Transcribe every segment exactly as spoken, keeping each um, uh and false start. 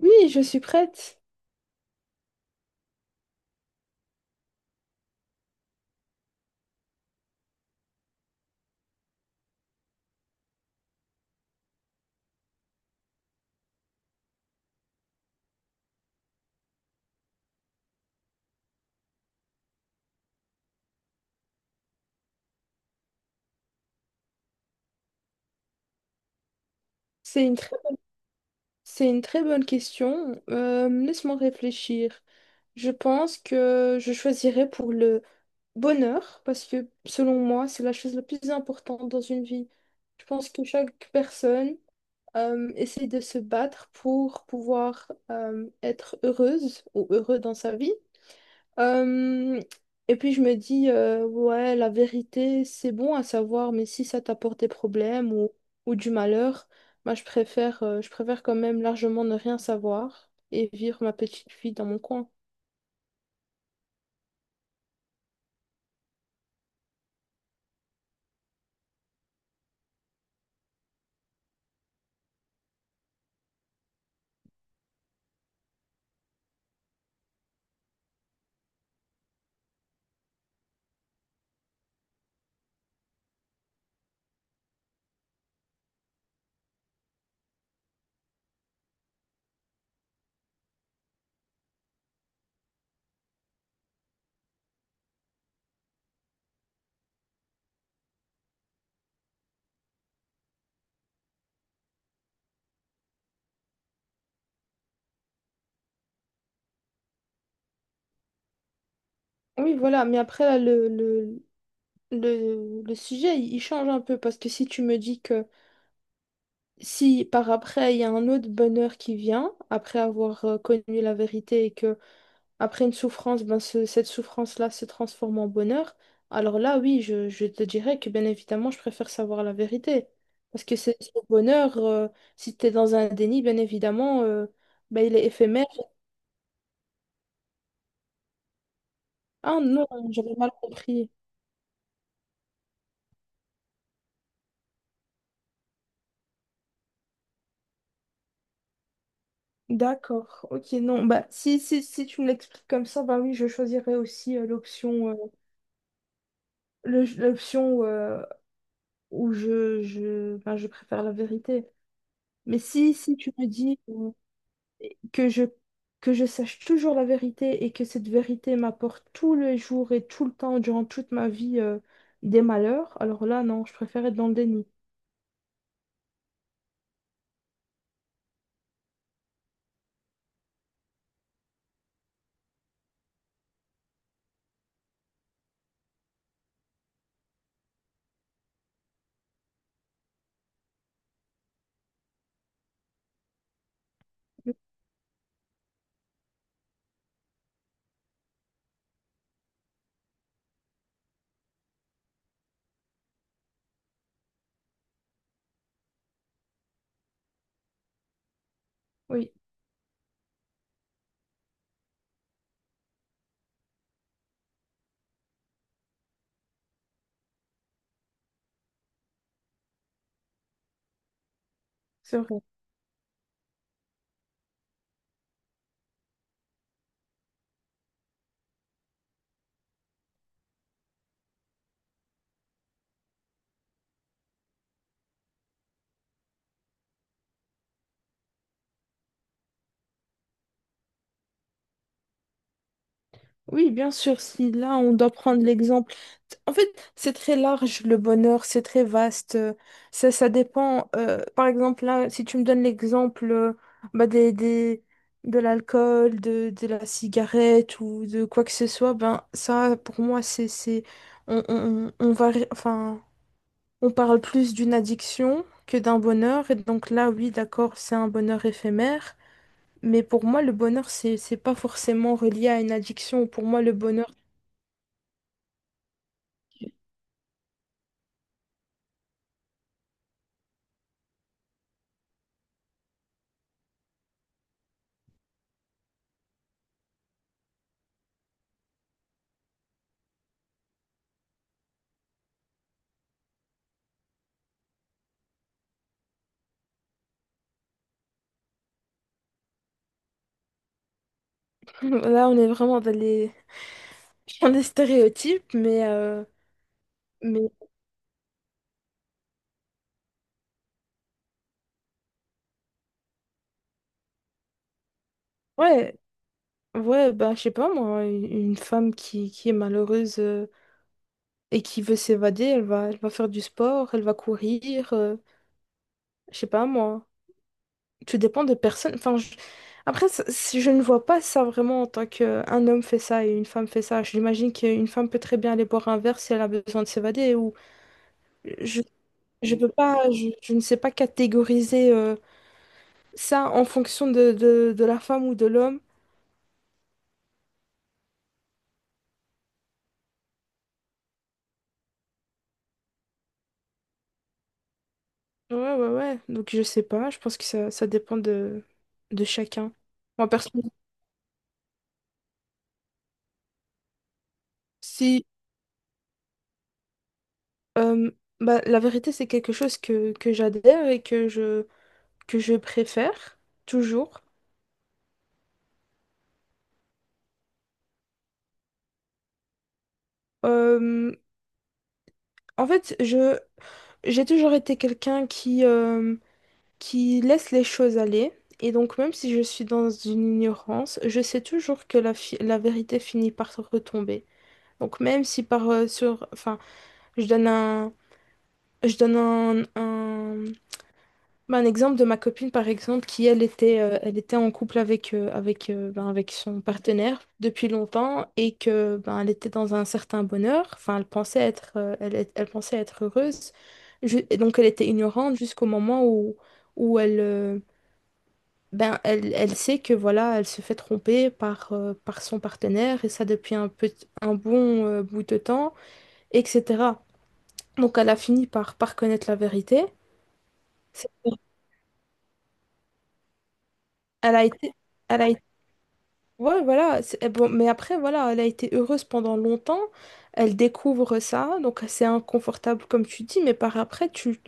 Oui, je suis prête. C'est une très, c'est une très bonne question. Euh, laisse-moi réfléchir. Je pense que je choisirais pour le bonheur, parce que selon moi, c'est la chose la plus importante dans une vie. Je pense que chaque personne euh, essaie de se battre pour pouvoir euh, être heureuse ou heureux dans sa vie. Euh, et puis je me dis, euh, ouais, la vérité, c'est bon à savoir, mais si ça t'apporte des problèmes ou, ou du malheur, moi je préfère, euh, je préfère quand même largement ne rien savoir et vivre ma petite vie dans mon coin. Oui, voilà, mais après, là, le, le, le, le sujet, il il change un peu, parce que si tu me dis que si par après, il y a un autre bonheur qui vient, après avoir euh, connu la vérité. Après une souffrance, ben ce- cette souffrance-là se transforme en bonheur. Alors là, oui, je, je te dirais que bien évidemment, je préfère savoir la vérité. Parce que c'est c'est le bonheur, euh, si tu es dans un déni, bien évidemment, euh, ben, il est éphémère. Ah non, j'avais mal compris. D'accord, ok, non, bah si, si, si tu me l'expliques comme ça, bah oui, je choisirais aussi euh, l'option euh, le- l'option euh, où je, je, ben, je préfère la vérité. Mais si, si tu me dis. que je, que je sache toujours la vérité et que cette vérité m'apporte tous les jours et tout le temps, durant toute ma vie, euh, des malheurs, alors là, non, je préfère être dans le déni. Oui, c'est vrai. Oui, bien sûr, si là on doit prendre l'exemple. En fait, c'est très large le bonheur, c'est très vaste. Euh, Ça, ça dépend. Euh, par exemple, là, si tu me donnes l'exemple euh, bah, des, des- de l'alcool, de, de la cigarette ou de quoi que ce soit, ben ça, pour moi, c'est, c'est, on, on, on va, ré- enfin, on parle plus d'une addiction que d'un bonheur. Et donc là, oui, d'accord, c'est un bonheur éphémère. Mais pour moi, le bonheur, c'est, c'est pas forcément relié à une addiction. Pour moi, le bonheur, là, on est vraiment dans les, dans les stéréotypes, mais, euh, mais ouais, ouais, bah, je sais pas, moi, une une femme qui, qui est malheureuse euh, et qui veut s'évader, elle va, elle va faire du sport, elle va courir, euh, je sais pas, moi. Tout dépend de personne. Enfin, je- Après, ça- si je ne vois pas ça vraiment en tant qu'un homme fait ça et une femme fait ça. J'imagine qu'une femme peut très bien aller boire un verre si elle a besoin de s'évader ou je, je peux pas, je, je ne sais pas catégoriser. Euh, ça, en fonction de, de, de la femme ou de l'homme. Ouais, ouais, ouais. Donc, je sais pas. Je pense que ça, ça dépend de, de chacun. Moi, personnellement, si. Euh, bah, la vérité, c'est quelque chose que, que j'adhère et que je, que je préfère, toujours. Euh, en fait, je, j'ai toujours été quelqu'un qui, euh, qui laisse les choses aller. Et donc, même si je suis dans une ignorance, je sais toujours que la, fi- la vérité finit par retomber. Donc, même si par, euh, sur. Enfin. Je donne un, je donne un, un, ben, un exemple de ma copine, par exemple, qui, elle, était, euh, elle était en couple avec, euh, avec, euh, ben, avec son partenaire depuis longtemps et que, ben, elle était dans un certain bonheur. Enfin, elle pensait être, euh, elle, est- elle pensait être heureuse. Ju- et donc, elle était ignorante jusqu'au moment où, où elle, euh, ben, elle, elle sait que, voilà, elle se fait tromper par, euh, par son partenaire et ça depuis un, peu, un bon, euh, bout de temps, et cetera. Donc elle a fini par, par connaître la vérité. C'est- Elle a été, elle a été- ouais, voilà. c'est- eh Bon, mais après, voilà, elle a été heureuse pendant longtemps. Elle découvre ça, donc c'est inconfortable comme tu dis, mais par après, tu,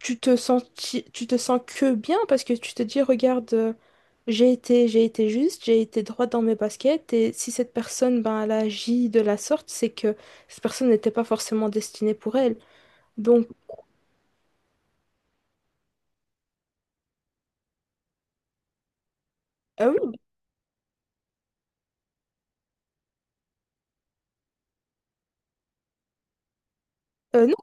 tu te sens, tu, tu te sens que bien parce que tu te dis, regarde, euh, j'ai été, j'ai été juste, j'ai été droit dans mes baskets, et si cette personne, ben, elle agit de la sorte, c'est que cette personne n'était pas forcément destinée pour elle. Donc, euh, oui, euh, non,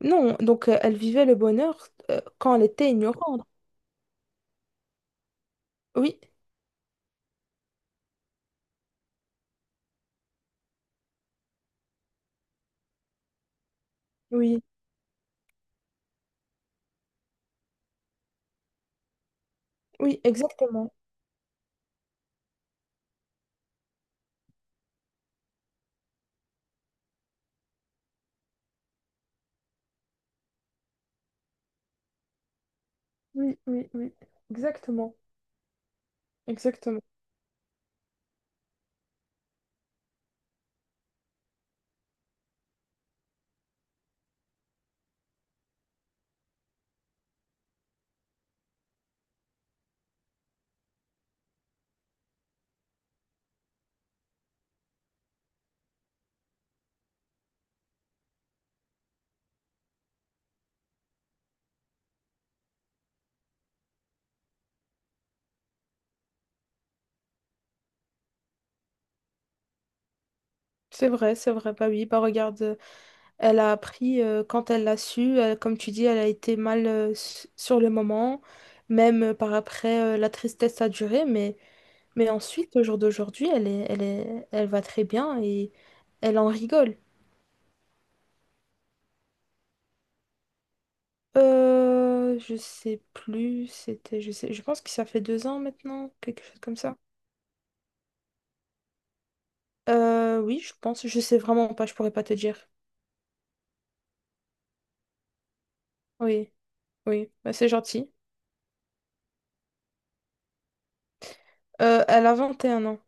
non, donc euh, elle vivait le bonheur euh, quand elle était ignorante. Oui, oui. Oui, exactement. Oui, oui, oui. Exactement. Exactement. C'est vrai, c'est vrai. Bah oui, bah regarde, euh, elle a appris euh, quand elle l'a su. Elle- comme tu dis, elle a été mal euh, su- sur le moment. Même euh, par après, euh, la tristesse a duré. Mais, mais ensuite, au jour d'aujourd'hui, elle est, elle est, elle va très bien et elle en rigole. Euh, je sais plus. C'était, je sais, je pense que ça fait deux ans maintenant, quelque chose comme ça. Euh, oui, je pense. Je sais vraiment pas. Je pourrais pas te dire. Oui. Oui, bah c'est gentil. Euh, elle a vingt et un ans.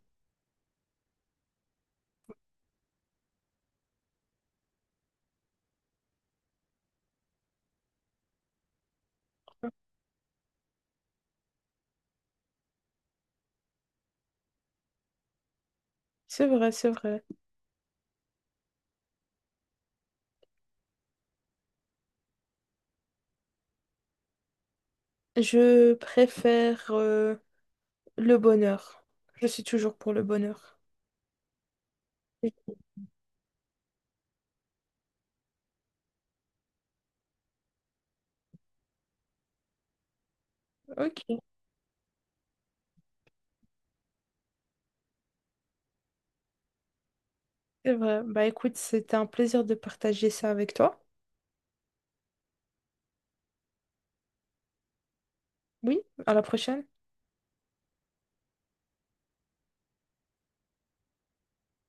C'est vrai, c'est vrai. Je préfère euh, le bonheur. Je suis toujours pour le bonheur. Ok, c'est vrai. Bah écoute, c'était un plaisir de partager ça avec toi. Oui, à la prochaine.